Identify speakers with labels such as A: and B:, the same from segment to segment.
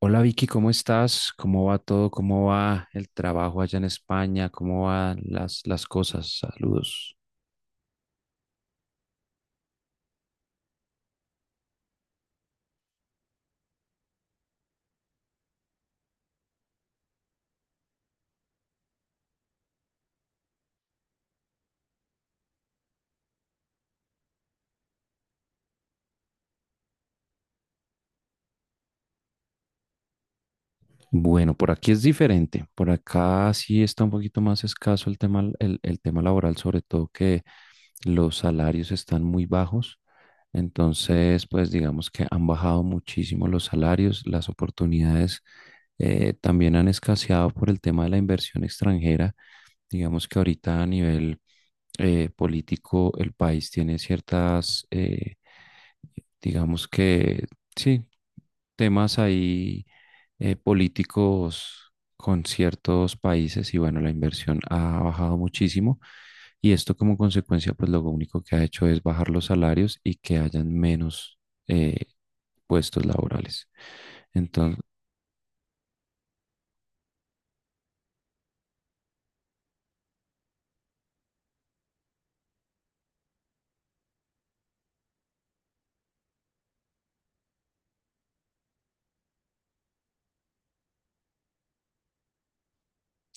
A: Hola Vicky, ¿cómo estás? ¿Cómo va todo? ¿Cómo va el trabajo allá en España? ¿Cómo van las cosas? Saludos. Bueno, por aquí es diferente. Por acá sí está un poquito más escaso el tema, el tema laboral, sobre todo que los salarios están muy bajos. Entonces, pues digamos que han bajado muchísimo los salarios, las oportunidades también han escaseado por el tema de la inversión extranjera. Digamos que ahorita a nivel político, el país tiene ciertas, digamos que, sí, temas ahí políticos con ciertos países y bueno, la inversión ha bajado muchísimo y esto como consecuencia, pues lo único que ha hecho es bajar los salarios y que hayan menos eh, puestos laborales. Entonces,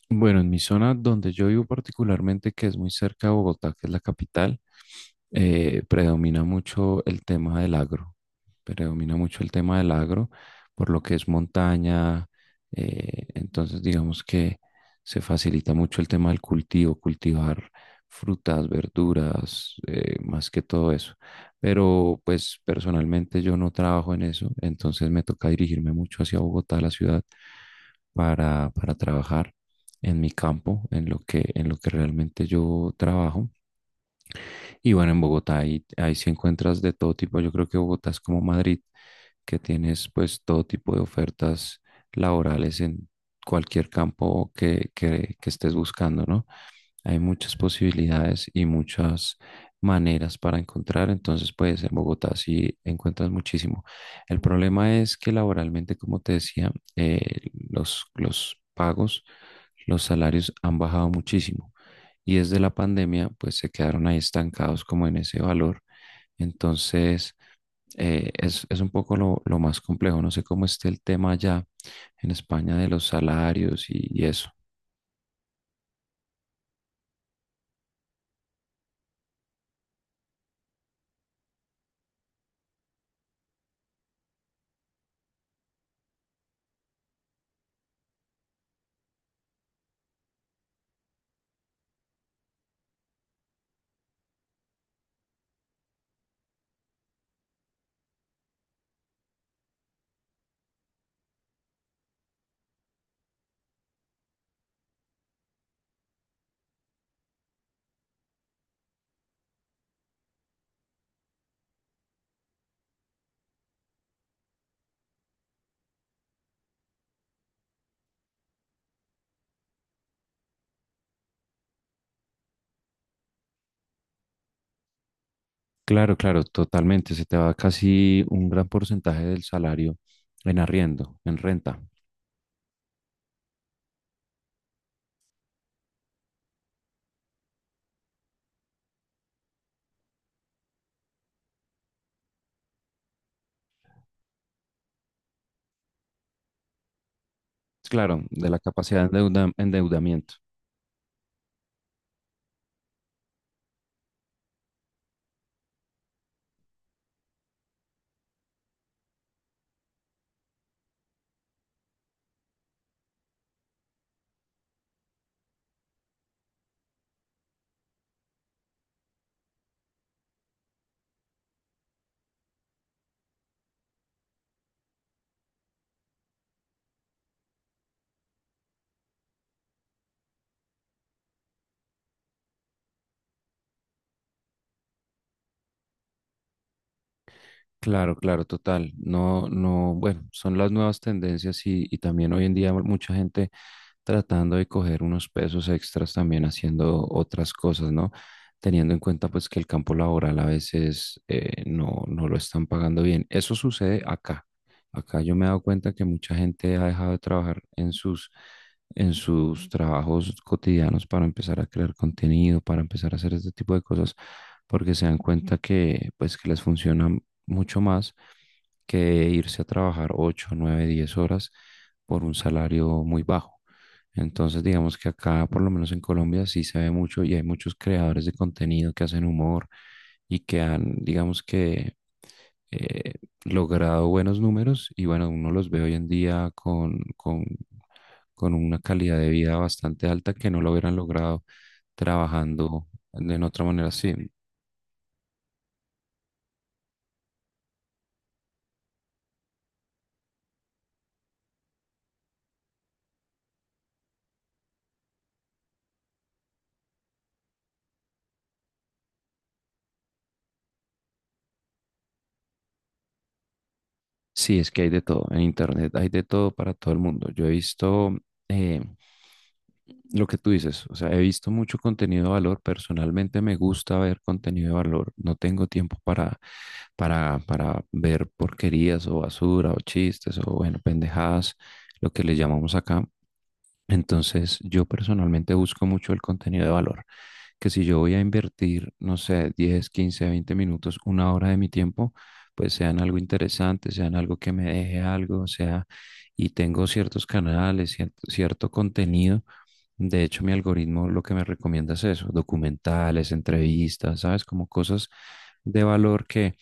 A: bueno, en mi zona donde yo vivo particularmente, que es muy cerca de Bogotá, que es la capital, predomina mucho el tema del agro. Predomina mucho el tema del agro, por lo que es montaña. Entonces, digamos que se facilita mucho el tema del cultivo, cultivar frutas, verduras, más que todo eso. Pero pues personalmente yo no trabajo en eso, entonces me toca dirigirme mucho hacia Bogotá, la ciudad, para trabajar en mi campo, en lo que realmente yo trabajo. Y bueno, en Bogotá ahí sí encuentras de todo tipo. Yo creo que Bogotá es como Madrid, que tienes pues todo tipo de ofertas laborales en cualquier campo que estés buscando, ¿no? Hay muchas posibilidades y muchas maneras para encontrar, entonces pues en Bogotá si encuentras muchísimo. El problema es que laboralmente, como te decía, los pagos, los salarios han bajado muchísimo y desde la pandemia pues se quedaron ahí estancados como en ese valor. Entonces es un poco lo más complejo, no sé cómo esté el tema allá en España de los salarios y eso. Claro, claro, totalmente. Se te va casi un gran porcentaje del salario en arriendo, en renta. Claro, de la capacidad de endeudamiento. Claro, claro, total. No, no, bueno, son las nuevas tendencias y también hoy en día mucha gente tratando de coger unos pesos extras también haciendo otras cosas, ¿no? Teniendo en cuenta pues que el campo laboral a veces no lo están pagando bien. Eso sucede acá. Acá yo me he dado cuenta que mucha gente ha dejado de trabajar en en sus trabajos cotidianos para empezar a crear contenido, para empezar a hacer este tipo de cosas, porque se dan cuenta que pues que les funciona mucho más que irse a trabajar 8 9 10 horas por un salario muy bajo. Entonces, digamos que acá, por lo menos en Colombia, sí se ve mucho y hay muchos creadores de contenido que hacen humor y que han, digamos que, eh, logrado buenos números y bueno, uno los ve hoy en día con una calidad de vida bastante alta que no lo hubieran logrado trabajando de en otra manera. Sí, sí, es que hay de todo en Internet, hay de todo para todo el mundo. Yo he visto... eh, lo que tú dices, o sea, he visto mucho contenido de valor, personalmente me gusta ver contenido de valor, no tengo tiempo para ver porquerías o basura o chistes o bueno, pendejadas, lo que le llamamos acá. Entonces, yo personalmente busco mucho el contenido de valor, que si yo voy a invertir, no sé, 10, 15, 20 minutos, una hora de mi tiempo, pues sean algo interesante, sean algo que me deje algo, o sea, y tengo ciertos canales, cierto contenido. De hecho, mi algoritmo lo que me recomienda es eso, documentales, entrevistas, ¿sabes? Como cosas de valor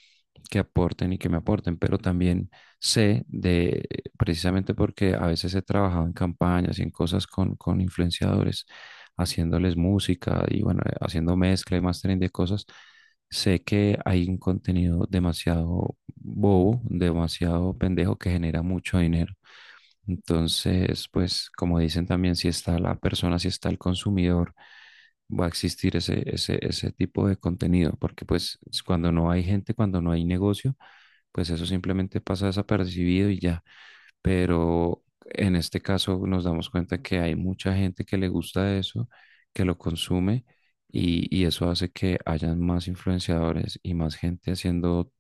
A: que aporten y que me aporten, pero también sé de, precisamente porque a veces he trabajado en campañas y en cosas con influenciadores, haciéndoles música y bueno, haciendo mezcla y mastering de cosas, sé que hay un contenido demasiado bobo, demasiado pendejo que genera mucho dinero. Entonces, pues como dicen también, si está la persona, si está el consumidor, va a existir ese tipo de contenido, porque pues cuando no hay gente, cuando no hay negocio, pues eso simplemente pasa desapercibido y ya. Pero en este caso nos damos cuenta que hay mucha gente que le gusta eso, que lo consume y eso hace que hayan más influenciadores y más gente haciendo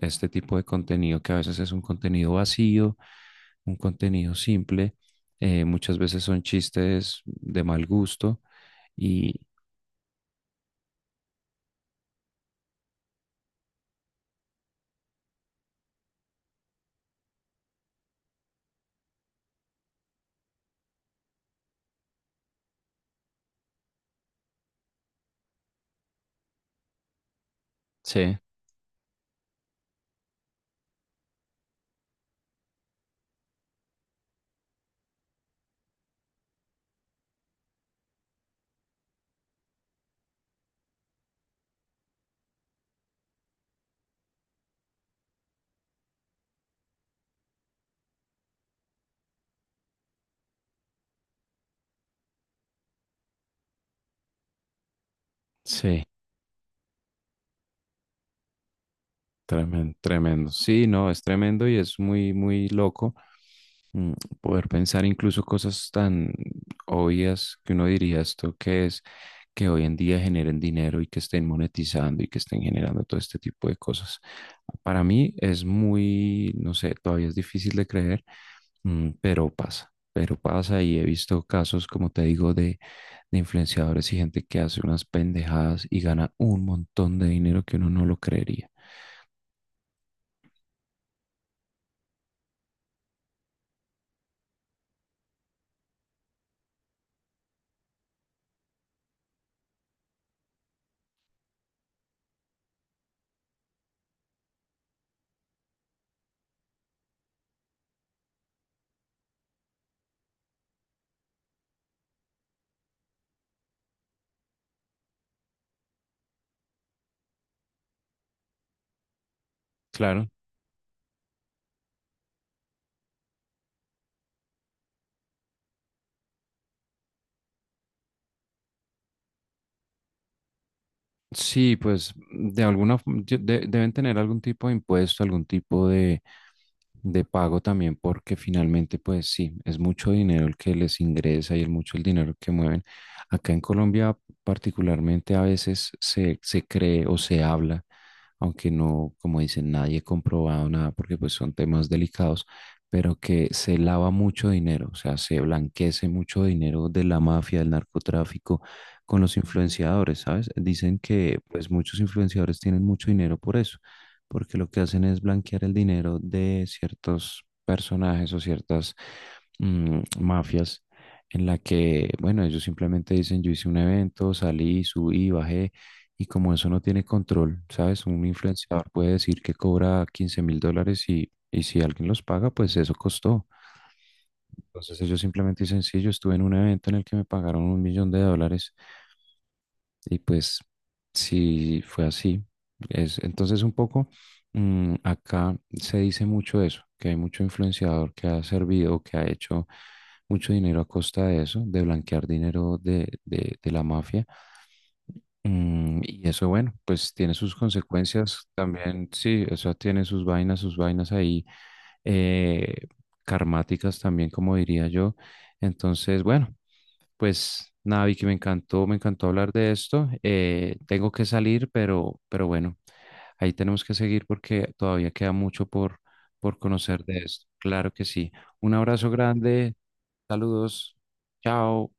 A: este tipo de contenido que a veces es un contenido vacío, un contenido simple. Muchas veces son chistes de mal gusto y sí, sí, tremendo, tremendo. Sí, no, es tremendo y es muy, muy loco mm, poder pensar incluso cosas tan obvias que uno diría esto que es que hoy en día generen dinero y que estén monetizando y que estén generando todo este tipo de cosas. Para mí es muy, no sé, todavía es difícil de creer. Mm, pero pasa y he visto casos, como te digo, de influenciadores y gente que hace unas pendejadas y gana un montón de dinero que uno no lo creería. Claro. Sí, pues de alguna, deben tener algún tipo de impuesto, algún tipo de pago también porque finalmente pues sí, es mucho dinero el que les ingresa y es mucho el dinero que mueven. Acá en Colombia particularmente a veces se cree o se habla, aunque no, como dicen, nadie comprobado nada porque pues son temas delicados, pero que se lava mucho dinero, o sea, se blanquece mucho dinero de la mafia, del narcotráfico con los influenciadores, ¿sabes? Dicen que pues muchos influenciadores tienen mucho dinero por eso porque lo que hacen es blanquear el dinero de ciertos personajes o ciertas mafias en la que, bueno, ellos simplemente dicen, yo hice un evento, salí, subí, bajé, y como eso no tiene control, ¿sabes? Un influenciador puede decir que cobra 15.000 dólares y si alguien los paga, pues eso costó. Entonces ellos simplemente dicen, sí, yo estuve en un evento en el que me pagaron 1.000.000 de dólares. Y pues sí fue así. Es, entonces un poco acá se dice mucho eso, que hay mucho influenciador que ha servido, que ha hecho mucho dinero a costa de eso, de blanquear dinero de la mafia. Mm, y eso, bueno, pues tiene sus consecuencias también, sí, eso tiene sus vainas ahí, eh, karmáticas también, como diría yo. Entonces, bueno. Pues nada, Vicky, me encantó hablar de esto. Tengo que salir, pero bueno, ahí tenemos que seguir porque todavía queda mucho por conocer de esto. Claro que sí. Un abrazo grande, saludos, chao.